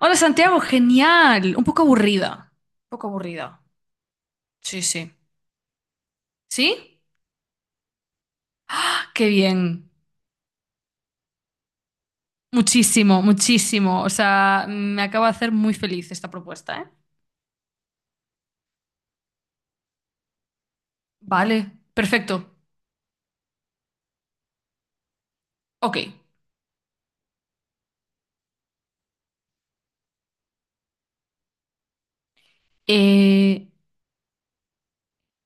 Hola Santiago, genial. Un poco aburrida. Un poco aburrida. Sí, sí. ¿Sí? ¡Ah! Qué bien. Muchísimo, muchísimo. O sea, me acaba de hacer muy feliz esta propuesta, ¿eh? Vale, perfecto. Ok. Eh,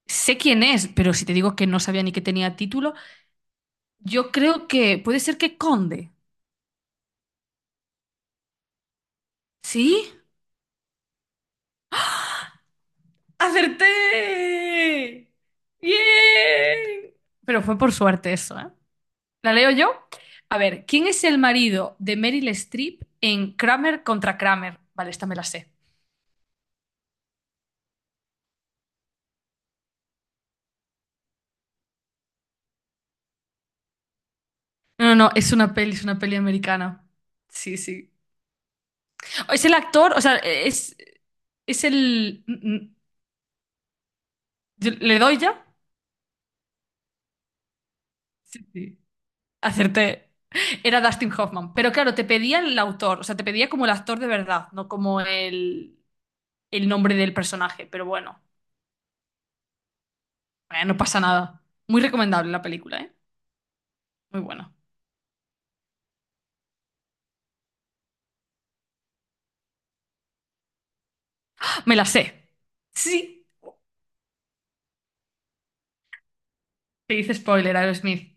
Sé quién es, pero si te digo que no sabía ni que tenía título, yo creo que puede ser que Conde. ¿Sí? ¡Acerté! ¡Bien! Pero fue por suerte eso, ¿eh? ¿La leo yo? A ver, ¿quién es el marido de Meryl Streep en Kramer contra Kramer? Vale, esta me la sé. No, no, no, es una peli americana. Sí, sí. Oh, es el actor, o sea, es el... ¿Le doy ya? Sí, sí. Acerté. Era Dustin Hoffman. Pero claro, te pedía el autor, o sea, te pedía como el actor de verdad, no como el nombre del personaje. Pero bueno, no pasa nada. Muy recomendable la película, ¿eh? Muy buena. Me la sé. Sí. Te dice spoiler, Aerosmith.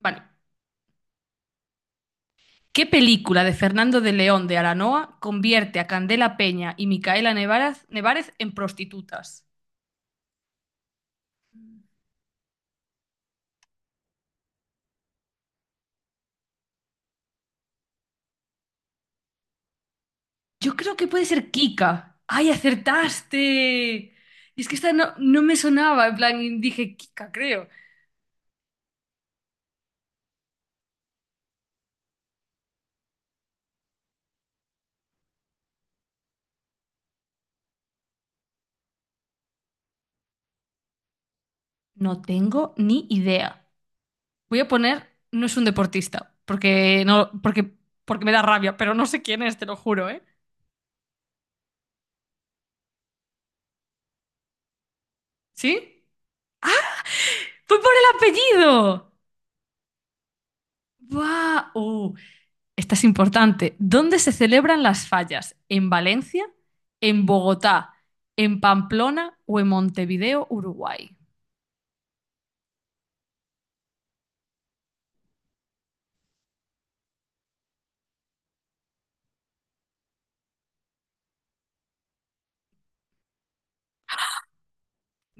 Vale. ¿Qué película de Fernando de León de Aranoa convierte a Candela Peña y Micaela Nevarez en prostitutas? Yo creo que puede ser Kika. ¡Ay, acertaste! Es que esta no me sonaba. En plan, dije Kika, creo. No tengo ni idea. Voy a poner, no es un deportista, porque no, porque me da rabia, pero no sé quién es, te lo juro, ¿eh? ¿Sí? ¡Fue por el apellido! ¡Guau! ¡Oh! Esta es importante. ¿Dónde se celebran las fallas? ¿En Valencia? ¿En Bogotá? ¿En Pamplona o en Montevideo, Uruguay?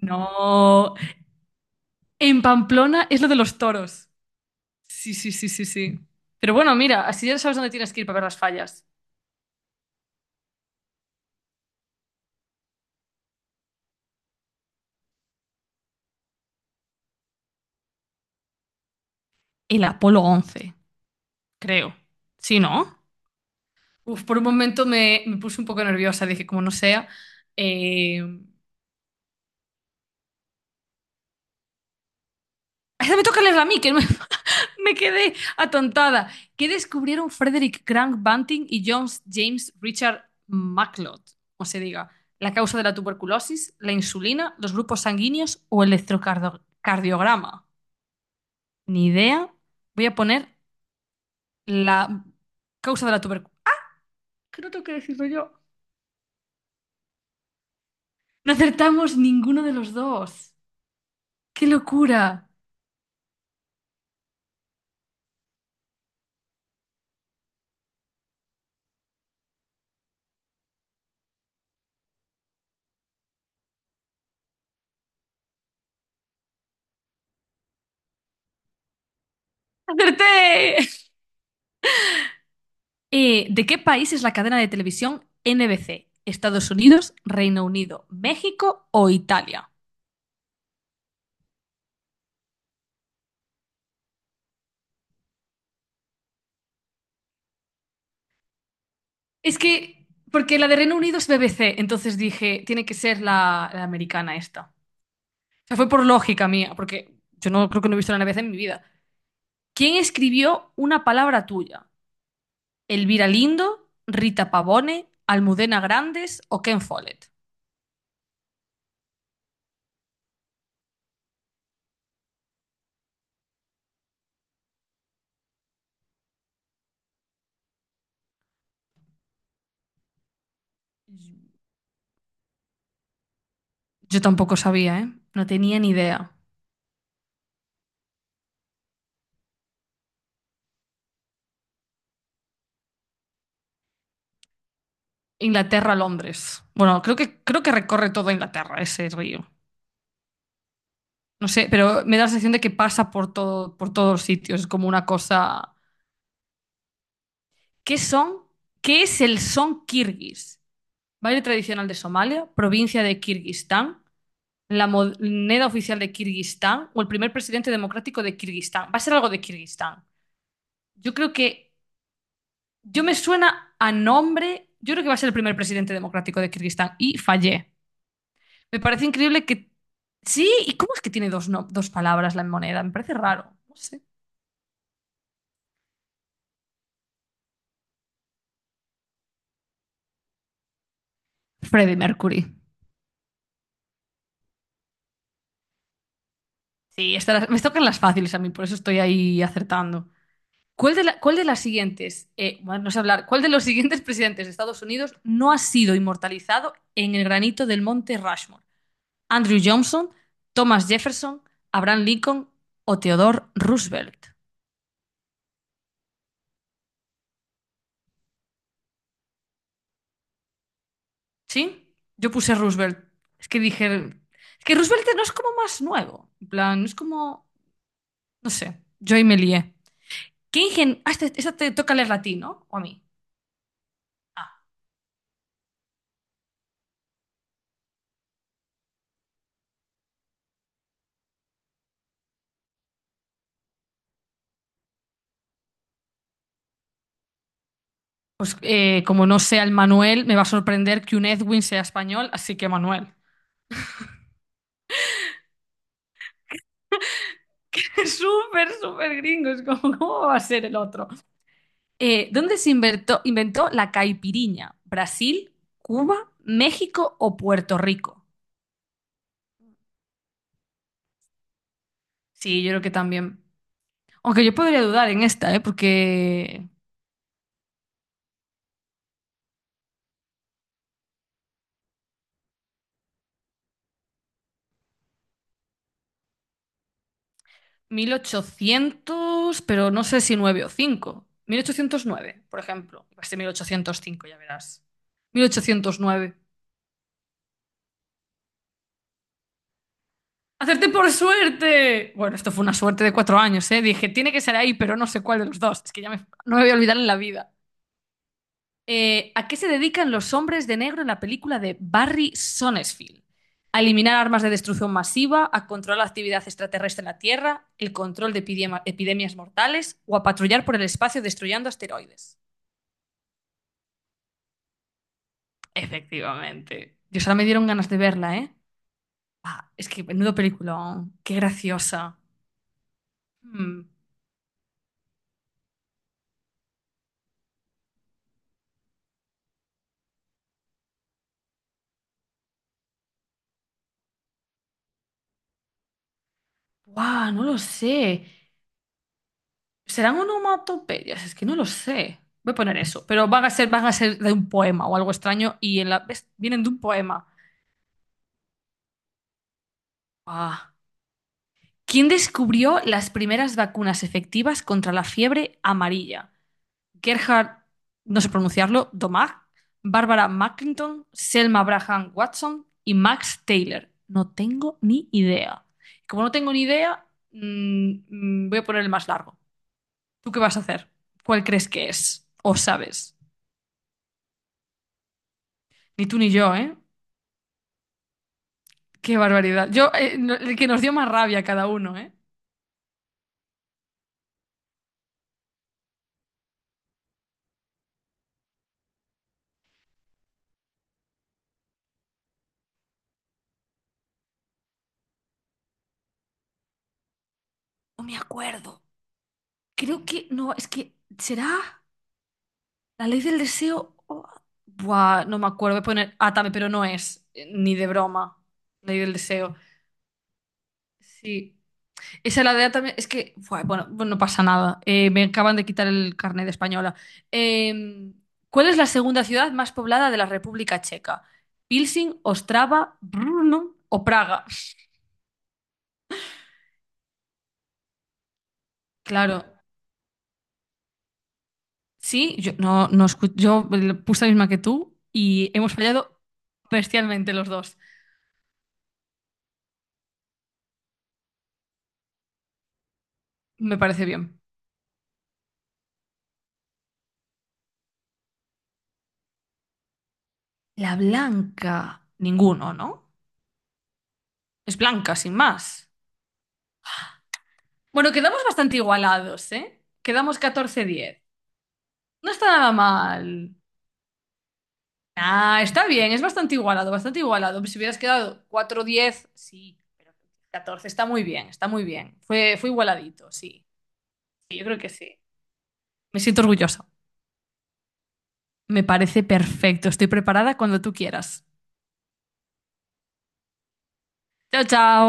No. En Pamplona es lo de los toros. Sí, sí, sí, sí, sí. Pero bueno, mira, así ya sabes dónde tienes que ir para ver las fallas. El Apolo 11, creo. ¿Sí, no? Uf, por un momento me puse un poco nerviosa. Dije, como no sea, eh, esa me toca leerla a mí, que me, me quedé atontada. ¿Qué descubrieron Frederick Grant Banting y John James Richard McLeod? O se diga, la causa de la tuberculosis, la insulina, los grupos sanguíneos o el electrocardiograma. Ni idea. Voy a poner la causa de la tuberculosis. ¿Qué no tengo que decirlo yo? No acertamos ninguno de los dos. ¡Qué locura! ¡Acerté! ¿De qué país es la cadena de televisión NBC? ¿Estados Unidos, Reino Unido, México o Italia? Es que, porque la de Reino Unido es BBC, entonces dije, tiene que ser la americana esta. O sea, fue por lógica mía, porque yo no creo que no he visto la NBC en mi vida. ¿Quién escribió una palabra tuya? ¿Elvira Lindo, Rita Pavone, Almudena Grandes o Ken Follett? Yo tampoco sabía, ¿eh? No tenía ni idea. Inglaterra, Londres. Bueno, creo que recorre toda Inglaterra ese río. No sé, pero me da la sensación de que pasa por todo, por todos los sitios. Es como una cosa. ¿Qué son? ¿Qué es el son kirguís? Baile tradicional de Somalia, provincia de Kirguistán, la moneda oficial de Kirguistán o el primer presidente democrático de Kirguistán. Va a ser algo de Kirguistán. Yo creo que. Yo me suena a nombre. Yo creo que va a ser el primer presidente democrático de Kirguistán y fallé. Me parece increíble que... Sí, ¿y cómo es que tiene dos, dos palabras la moneda? Me parece raro. No sé. Freddie Mercury. Sí, estas me tocan las fáciles a mí, por eso estoy ahí acertando. ¿Cuál de, cuál de las siguientes, bueno, no sé hablar, cuál de los siguientes presidentes de Estados Unidos no ha sido inmortalizado en el granito del monte Rushmore? Andrew Johnson, Thomas Jefferson, Abraham Lincoln o Theodore Roosevelt. ¿Sí? Yo puse Roosevelt. Es que dije, es que Roosevelt no es como más nuevo. En plan, no es como. No sé, yo ahí me lié. Ah, esta te toca leer a, ¿no? ¿O a mí? Ah, pues como no sea el Manuel, me va a sorprender que un Edwin sea español, así que Manuel. Es súper, súper gringo, es como, ¿cómo va a ser el otro? ¿Dónde se inventó la caipiriña? ¿Brasil, Cuba, México o Puerto Rico? Sí, yo creo que también. Aunque yo podría dudar en esta, ¿eh? Porque 1800 pero no sé si 9 o cinco 1809 por ejemplo. Iba a ser 1805 ya verás. 1809. ¡Acerté por suerte! Bueno, esto fue una suerte de 4 años, ¿eh? Dije, tiene que ser ahí, pero no sé cuál de los dos. Es que ya no me voy a olvidar en la vida. ¿A qué se dedican los hombres de negro en la película de Barry Sonnenfeld? A eliminar armas de destrucción masiva, a controlar la actividad extraterrestre en la Tierra, el control de epidemias mortales o a patrullar por el espacio destruyendo asteroides. Efectivamente. Dios, ahora me dieron ganas de verla, ¿eh? Ah, es que menudo película. Qué graciosa. Wow, no lo sé. ¿Serán onomatopeyas? Es que no lo sé. Voy a poner eso. Pero van a ser de un poema o algo extraño y en la, ¿ves? Vienen de un poema. Ah. ¿Quién descubrió las primeras vacunas efectivas contra la fiebre amarilla? Gerhard, no sé pronunciarlo, Domag, Barbara Mackington, Selma Braham Watson y Max Taylor. No tengo ni idea. Como no tengo ni idea, voy a poner el más largo. ¿Tú qué vas a hacer? ¿Cuál crees que es? ¿O sabes? Ni tú ni yo, ¿eh? Qué barbaridad. Yo, el que nos dio más rabia a cada uno, ¿eh? No me acuerdo. Creo que no, es que será. La ley del deseo. Oh, buah, no me acuerdo. Voy a poner Atame, pero no es. Ni de broma. Ley del deseo. Sí. Esa la de Atame. Es que. Buah, bueno, bueno, no pasa nada. Me acaban de quitar el carnet de española. Eh, ¿Cuál es la segunda ciudad más poblada de la República Checa? ¿Pilsing, Ostrava, Brno o Praga? Claro. Sí, yo no, yo le puse la misma que tú y hemos fallado bestialmente los dos. Me parece bien. La blanca. Ninguno, ¿no? Es blanca, sin más. Bueno, quedamos bastante igualados, ¿eh? Quedamos 14-10. No está nada mal. Ah, está bien, es bastante igualado, bastante igualado. Si hubieras quedado 4-10 sí, pero 14 está muy bien, está muy bien. Fue igualadito, sí. Sí, yo creo que sí. Me siento orgullosa. Me parece perfecto. Estoy preparada cuando tú quieras. Chao, chao.